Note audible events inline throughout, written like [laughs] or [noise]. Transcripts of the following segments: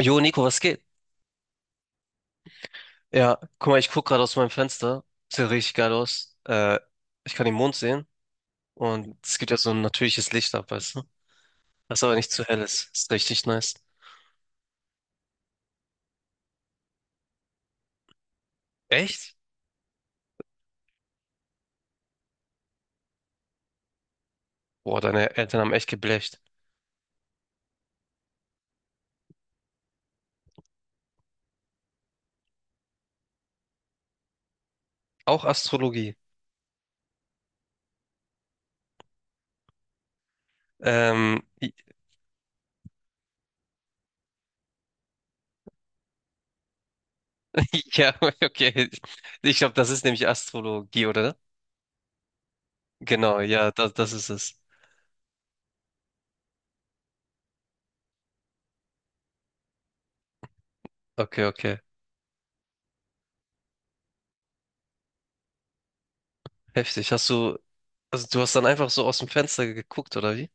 Jo, Nico, was geht? Ja, guck mal, ich guck gerade aus meinem Fenster. Sieht ja richtig geil aus. Ich kann den Mond sehen und es gibt ja so ein natürliches Licht ab, weißt du? Das aber nicht zu hell ist. Ist richtig nice. Echt? Boah, deine Eltern haben echt geblecht. Auch Astrologie. Ähm, [laughs] ja, okay. Ich glaube, das ist nämlich Astrologie, oder? Genau, ja, das ist es. Okay, okay. Heftig. Also du hast dann einfach so aus dem Fenster geguckt, oder wie?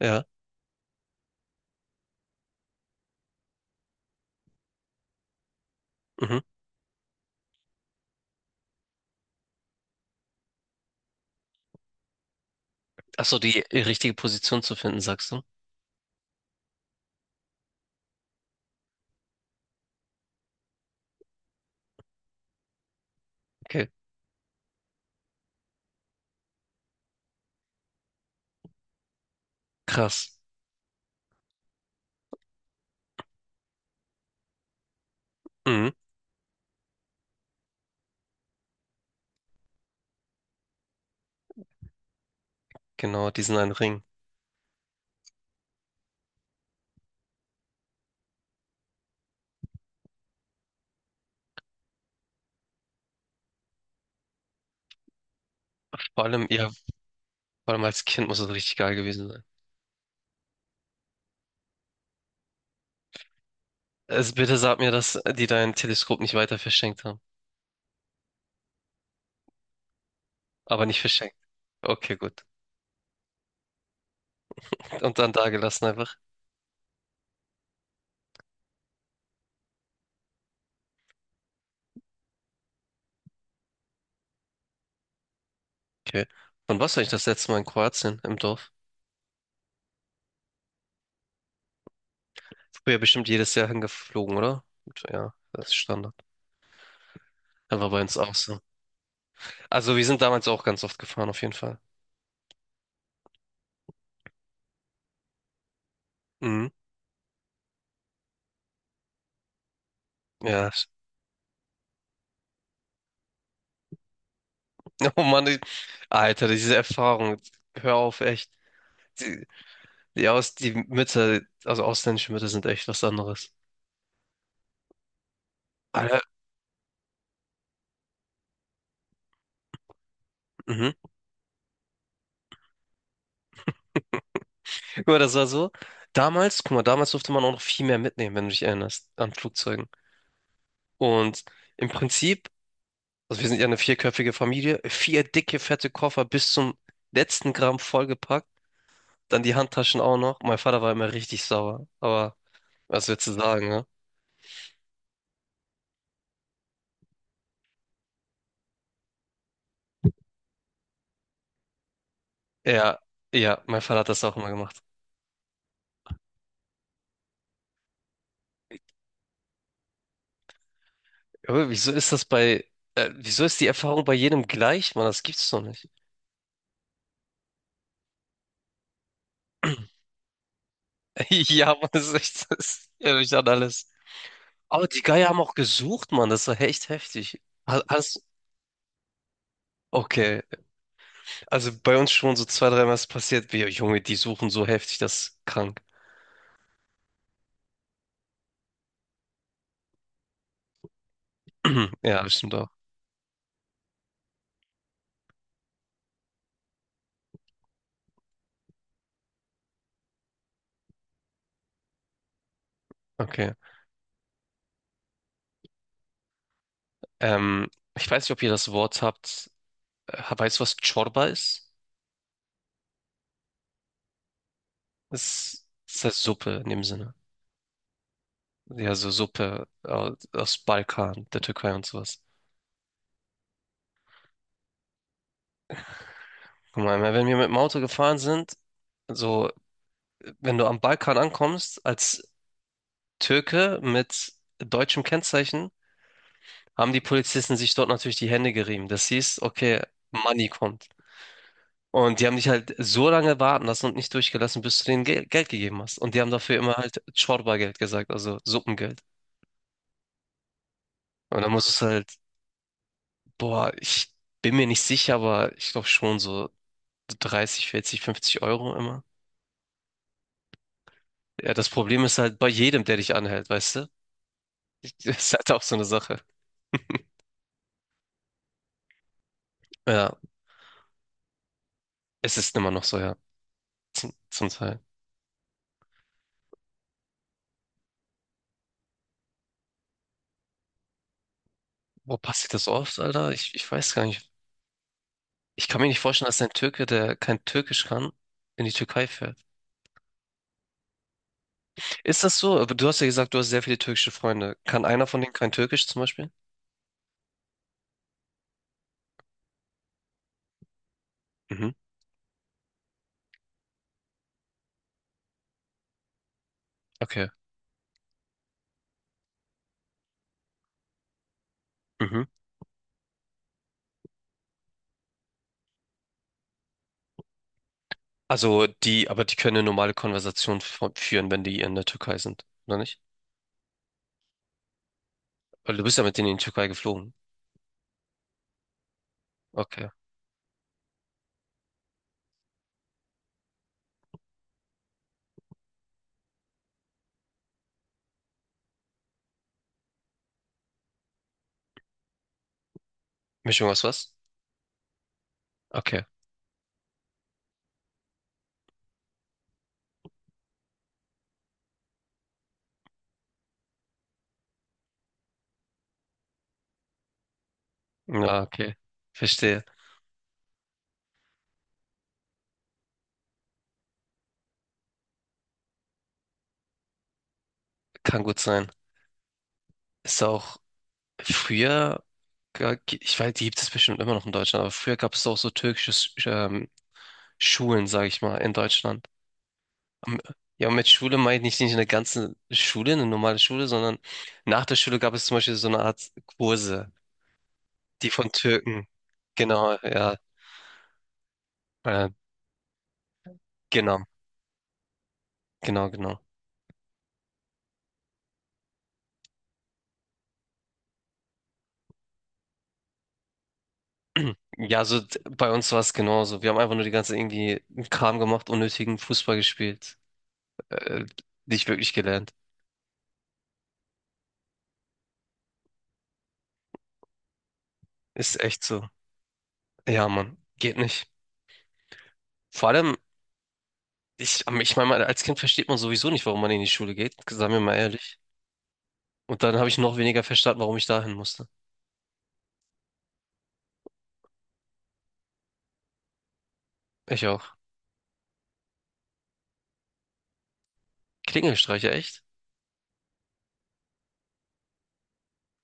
Ja. Mhm. Ach so, die richtige Position zu finden, sagst du? Okay. Krass. Mhm. Genau, diesen einen Ring. Ja, vor allem als Kind muss es richtig geil gewesen sein. Also bitte sag mir, dass die dein Teleskop nicht weiter verschenkt haben. Aber nicht verschenkt. Okay, gut. Und dann da gelassen einfach. Okay. Wann warst du eigentlich das letzte Mal in Kroatien im Dorf? Früher bestimmt jedes Jahr hingeflogen, oder? Gut, ja, das ist Standard. Dann war bei uns auch so. Also wir sind damals auch ganz oft gefahren, auf jeden Fall. Mhm. Ja. [laughs] Oh Mann, Alter, diese Erfahrung. Hör auf, echt. Ja, also ausländische Mütter sind echt was anderes. Alter, mhm. Guck mal, das war so. Damals, guck mal, damals durfte man auch noch viel mehr mitnehmen, wenn du dich erinnerst, an Flugzeugen. Und im Prinzip, also wir sind ja eine vierköpfige Familie, vier dicke, fette Koffer bis zum letzten Gramm vollgepackt, dann die Handtaschen auch noch. Mein Vater war immer richtig sauer, aber was willst du sagen, ne? Ja, ja, mein Vater hat das auch immer gemacht. Aber wieso ist die Erfahrung bei jedem gleich, Mann? Das gibt's doch nicht. [laughs] Ja, Mann, das ist echt, das erinnert mich an alles. Aber die Geier haben auch gesucht, Mann, das war echt heftig. Ha- Hast, okay, also bei uns schon so zwei, dreimal ist passiert, wir, Junge, die suchen so heftig, das ist krank. [clears throat] Ja, das stimmt auch. Okay. Ähm, Ich weiß nicht, ob ihr das Wort habt. Weißt du, was Chorba ist? Das heißt Suppe in dem Sinne. Ja, so Suppe aus Balkan, der Türkei und sowas. Guck mal, wenn wir mit dem Auto gefahren sind, so, wenn du am Balkan ankommst, als Türke mit deutschem Kennzeichen, haben die Polizisten sich dort natürlich die Hände gerieben. Das hieß, okay, Money kommt. Und die haben dich halt so lange warten lassen und nicht durchgelassen, bis du denen Geld gegeben hast. Und die haben dafür immer halt Çorba-Geld gesagt, also Suppengeld. Und dann musstest du halt, boah, ich bin mir nicht sicher, aber ich glaube schon so 30, 40, 50 € immer. Ja, das Problem ist halt bei jedem, der dich anhält, weißt du? [laughs] Das ist halt auch so eine Sache. Ja, es ist immer noch so, ja, zum Teil. Wo passiert das oft, Alter? Ich weiß gar nicht. Ich kann mir nicht vorstellen, dass ein Türke, der kein Türkisch kann, in die Türkei fährt. Ist das so? Aber du hast ja gesagt, du hast sehr viele türkische Freunde. Kann einer von denen kein Türkisch zum Beispiel? Mhm. Okay. Mhm. Aber die können eine normale Konversation führen, wenn die in der Türkei sind, oder nicht? Weil du bist ja mit denen in die Türkei geflogen. Okay. Mischung aus was? Okay. Ja, okay. Verstehe. Kann gut sein. Ist auch früher. Ich weiß, die gibt es bestimmt immer noch in Deutschland, aber früher gab es auch so türkische Schulen, sage ich mal, in Deutschland. Am- Ja, und mit Schule meine ich nicht eine ganze Schule, eine normale Schule, sondern nach der Schule gab es zum Beispiel so eine Art Kurse, die von Türken. Genau, ja, äh, genau, genau, genau. Ja, so bei uns war es genauso. Wir haben einfach nur die ganze irgendwie Kram gemacht, unnötigen Fußball gespielt, äh, nicht wirklich gelernt. Ist echt so. Ja, Mann, geht nicht. Vor allem, ich meine, als Kind versteht man sowieso nicht, warum man in die Schule geht, sagen wir mal ehrlich. Und dann habe ich noch weniger verstanden, warum ich dahin musste. Ich auch. Klingelstreicher, echt?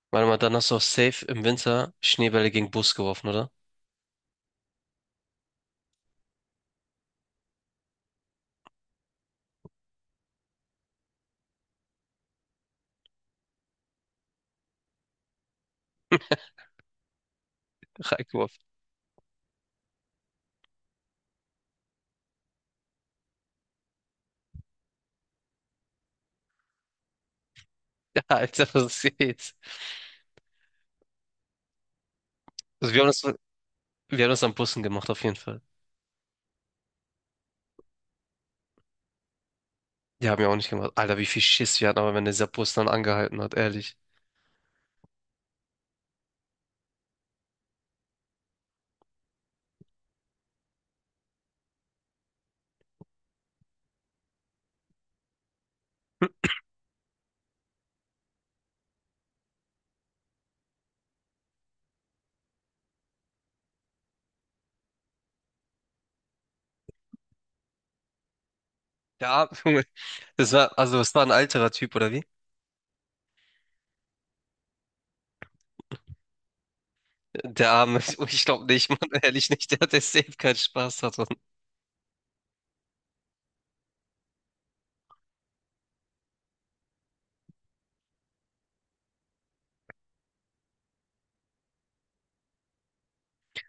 Warte mal, dann hast du auch safe im Winter Schneebälle gegen Bus geworfen, oder? Reingeworfen. [laughs] Ja, Alter, was geht's? Also wir haben das an Bussen gemacht, auf jeden Fall. Die haben ja auch nicht gemacht. Alter, wie viel Schiss wir hatten, aber wenn dieser Bus dann angehalten hat, ehrlich. Der Arme, [laughs] Junge. Also das war ein alterer Typ, oder wie? Der Arme, [laughs] ich glaube nicht, Mann, ehrlich nicht, der hat der safe keinen Spaß hat.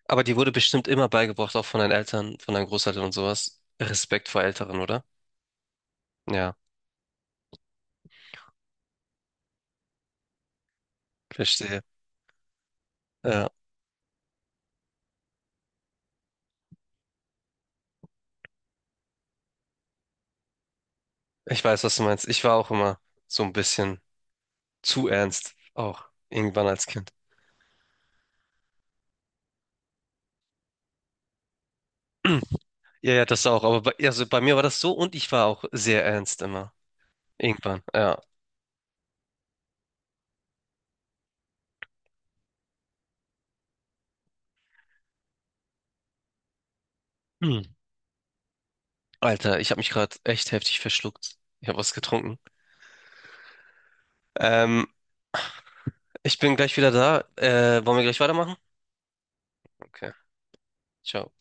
Aber dir wurde bestimmt immer beigebracht, auch von deinen Eltern, von deinen Großeltern und sowas. Respekt vor Älteren, oder? Ja, verstehe. Ja, ich weiß, was du meinst. Ich war auch immer so ein bisschen zu ernst, auch irgendwann als Kind. [clears throat] Ja, ja, das auch. Aber also bei mir war das so und ich war auch sehr ernst immer. Irgendwann, ja. Hm. Alter, ich habe mich gerade echt heftig verschluckt. Ich habe was getrunken. Ähm, Ich bin gleich wieder da. Wollen wir gleich weitermachen? Okay, ciao.